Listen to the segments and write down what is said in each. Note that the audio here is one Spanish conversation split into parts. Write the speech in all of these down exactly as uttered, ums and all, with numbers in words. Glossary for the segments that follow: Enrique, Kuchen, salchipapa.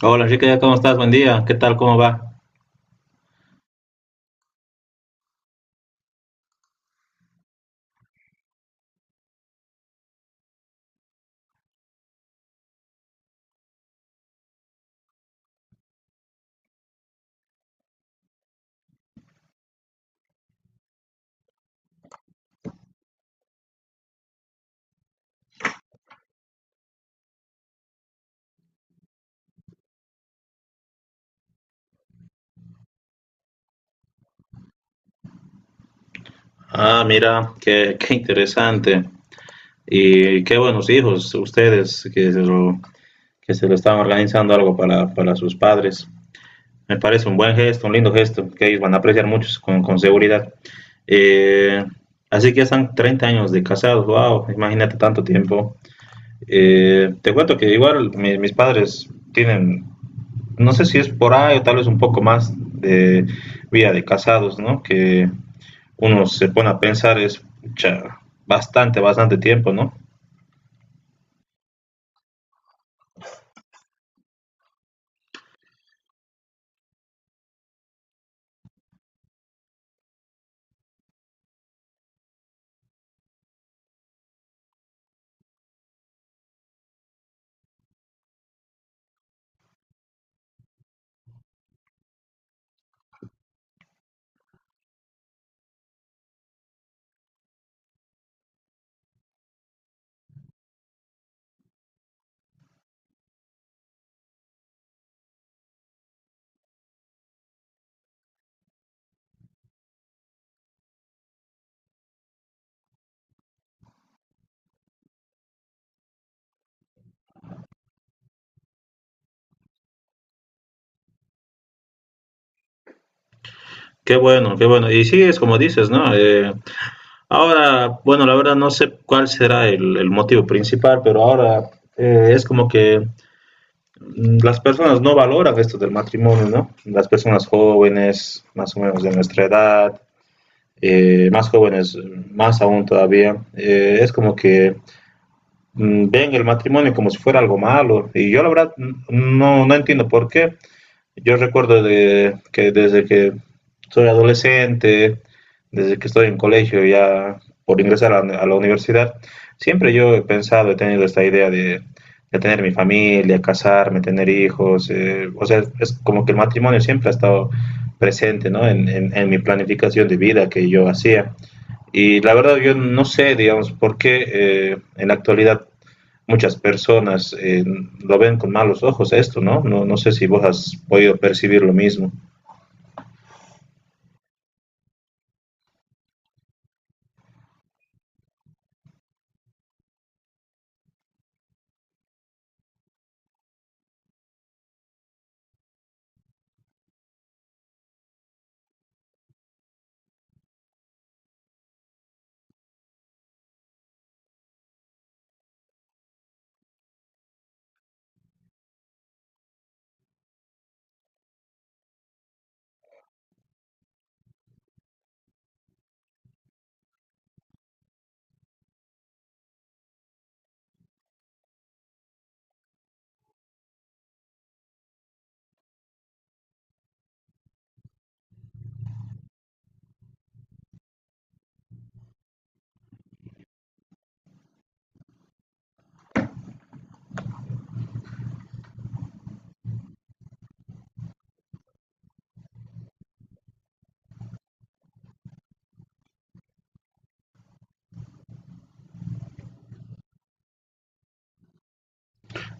Hola Enrique, ¿cómo estás? Buen día. ¿Qué tal? ¿Cómo va? Ah, mira, qué, qué interesante. Y qué buenos hijos ustedes que se lo, que se lo están organizando algo para, para sus padres. Me parece un buen gesto, un lindo gesto, que ellos van a apreciar mucho con, con seguridad. Eh, Así que ya están treinta años de casados, wow, imagínate tanto tiempo. Eh, te cuento que igual mi- mis padres tienen, no sé si es por ahí o tal vez un poco más de vida de casados, ¿no? Que uno se pone a pensar es ya bastante, bastante tiempo, ¿no? Qué bueno, qué bueno. Y sí, es como dices, ¿no? Eh, ahora, bueno, la verdad no sé cuál será el, el motivo principal, pero ahora eh, es como que mm, las personas no valoran esto del matrimonio, ¿no? Las personas jóvenes, más o menos de nuestra edad, eh, más jóvenes, más aún todavía, eh, es como que mm, ven el matrimonio como si fuera algo malo. Y yo la verdad n- no, no entiendo por qué. Yo recuerdo de, que desde que soy adolescente, desde que estoy en colegio ya por ingresar a, a la universidad, siempre yo he pensado, he tenido esta idea de, de tener mi familia, casarme, tener hijos. Eh, o sea, es como que el matrimonio siempre ha estado presente, ¿no? En, en- en mi planificación de vida que yo hacía. Y la verdad yo no sé, digamos, por qué eh, en la actualidad muchas personas eh, lo ven con malos ojos esto, ¿no? ¿no? No sé si vos has podido percibir lo mismo.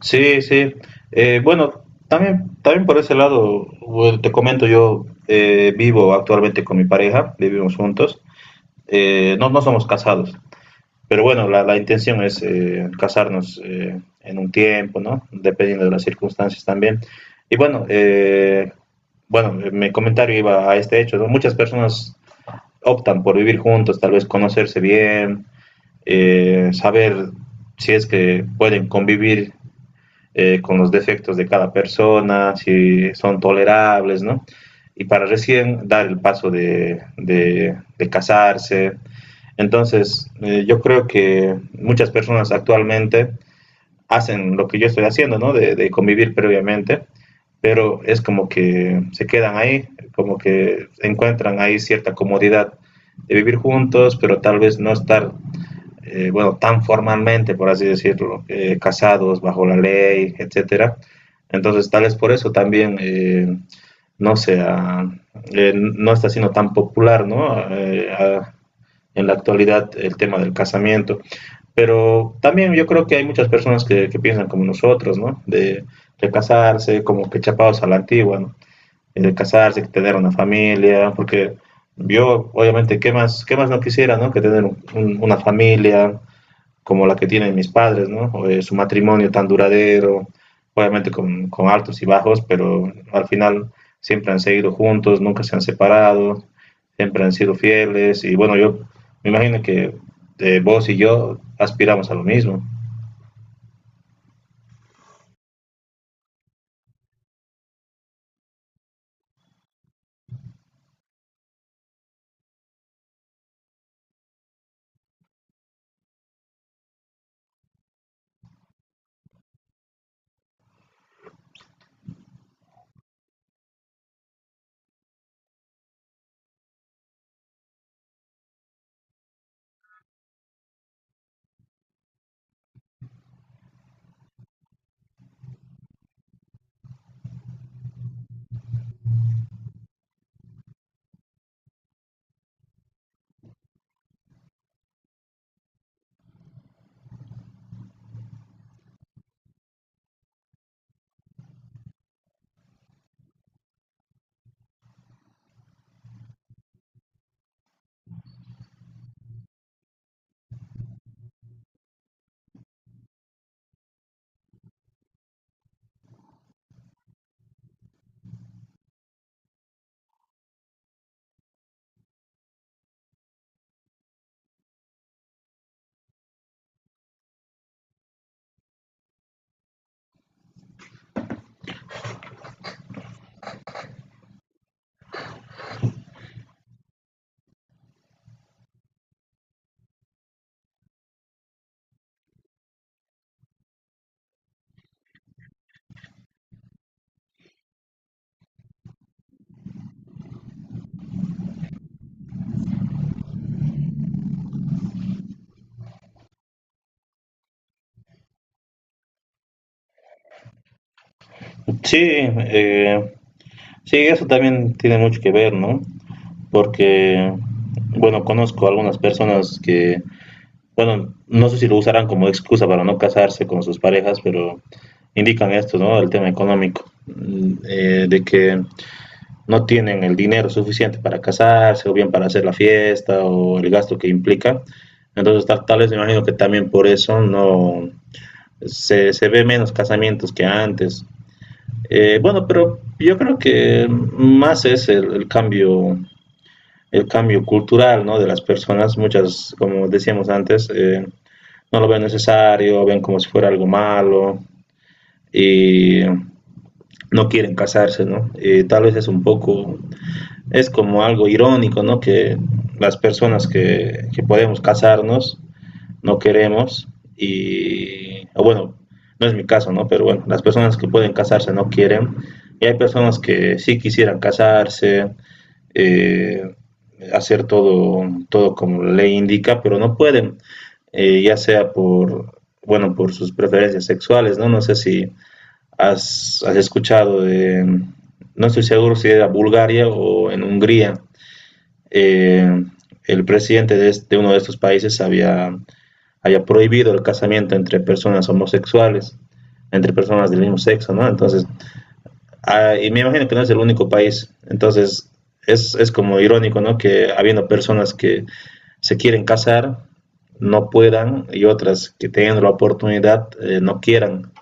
Sí, sí. Eh, bueno, también, también por ese lado, bueno, te comento, yo eh, vivo actualmente con mi pareja, vivimos juntos. Eh, no, no somos casados, pero bueno, la, la intención es eh, casarnos eh, en un tiempo, ¿no? Dependiendo de las circunstancias también. Y bueno, eh, bueno, mi comentario iba a este hecho, ¿no? Muchas personas optan por vivir juntos, tal vez conocerse bien, eh, saber si es que pueden convivir eh, con los defectos de cada persona, si son tolerables, ¿no? Y para recién dar el paso de, de, de casarse. Entonces, eh, yo creo que muchas personas actualmente hacen lo que yo estoy haciendo, ¿no? De, de convivir previamente, pero es como que se quedan ahí, como que encuentran ahí cierta comodidad de vivir juntos, pero tal vez no estar, eh, bueno, tan formalmente, por así decirlo, eh, casados bajo la ley, etcétera. Entonces, tal vez por eso también eh, no sea, eh, no está siendo tan popular, ¿no? Eh, A, en la actualidad el tema del casamiento. Pero también yo creo que hay muchas personas que, que piensan como nosotros, ¿no? De, de, casarse, como que chapados a la antigua, ¿no? Eh, De casarse, que tener una familia, porque yo, obviamente, ¿qué más, qué más no quisiera, ¿no? Que tener un, un, una familia, como la que tienen mis padres, ¿no? O, eh, su matrimonio tan duradero, obviamente con, con, altos y bajos, pero al final siempre han seguido juntos, nunca se han separado, siempre han sido fieles y bueno, yo me imagino que eh, vos y yo aspiramos a lo mismo. Sí, eh, sí, eso también tiene mucho que ver, ¿no? Porque, bueno, conozco algunas personas que bueno, no sé si lo usarán como excusa para no casarse con sus parejas, pero indican esto, ¿no? El tema económico, mm, eh, de que no tienen el dinero suficiente para casarse o bien para hacer la fiesta o el gasto que implica. Entonces, tal, tal vez me imagino que también por eso no se, se ve menos casamientos que antes. Eh, bueno, pero yo creo que más es el, el cambio el cambio cultural, ¿no? De las personas. Muchas, como decíamos antes, eh, no lo ven necesario, ven como si fuera algo malo y no quieren casarse, ¿no? Y tal vez es un poco, es como algo irónico, ¿no? Que las personas que, que podemos casarnos no queremos y, o bueno, no es mi caso, ¿no? Pero bueno, las personas que pueden casarse no quieren y hay personas que sí quisieran casarse, eh, hacer todo, todo como la ley indica, pero no pueden, eh, ya sea por, bueno, por sus preferencias sexuales, ¿no? No sé si has, has escuchado de, no estoy seguro si era Bulgaria o en Hungría, eh, el presidente de, este, de, uno de estos países había, había prohibido el casamiento entre personas homosexuales, entre personas del mismo sexo, ¿no? Entonces, ah, y me imagino que no es el único país. Entonces, es, es como irónico, ¿no? Que habiendo personas que se quieren casar, no puedan, y otras que tengan la oportunidad, eh, no quieran.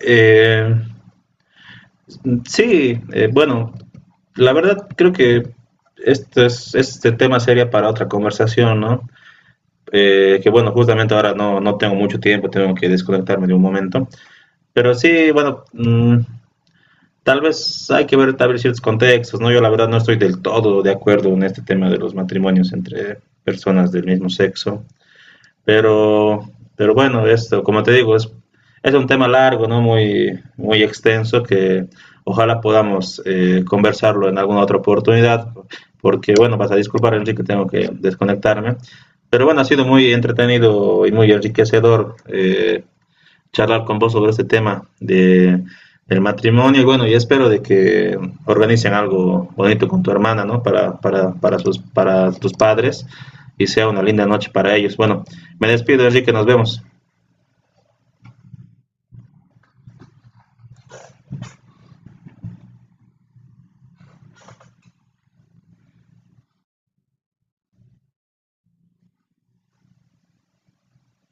Eh, sí, eh, bueno, la verdad creo que este, es- este tema sería para otra conversación, ¿no? Eh, que bueno, justamente ahora no, no tengo mucho tiempo, tengo que desconectarme de un momento. Pero sí, bueno, mm, tal vez hay que ver tal vez ciertos contextos, ¿no? Yo la verdad no estoy del todo de acuerdo en este tema de los matrimonios entre personas del mismo sexo, pero, pero bueno, esto, como te digo, es, es un tema largo, ¿no? Muy, muy extenso que ojalá podamos eh, conversarlo en alguna otra oportunidad, porque bueno, vas a disculpar, Enrique, tengo que desconectarme. Pero bueno, ha sido muy entretenido y muy enriquecedor eh, charlar con vos sobre este tema de, del matrimonio. Y bueno, y espero de que organicen algo bonito con tu hermana, ¿no? Para, para, para, sus, para tus padres y sea una linda noche para ellos. Bueno, me despido, Enrique, nos vemos.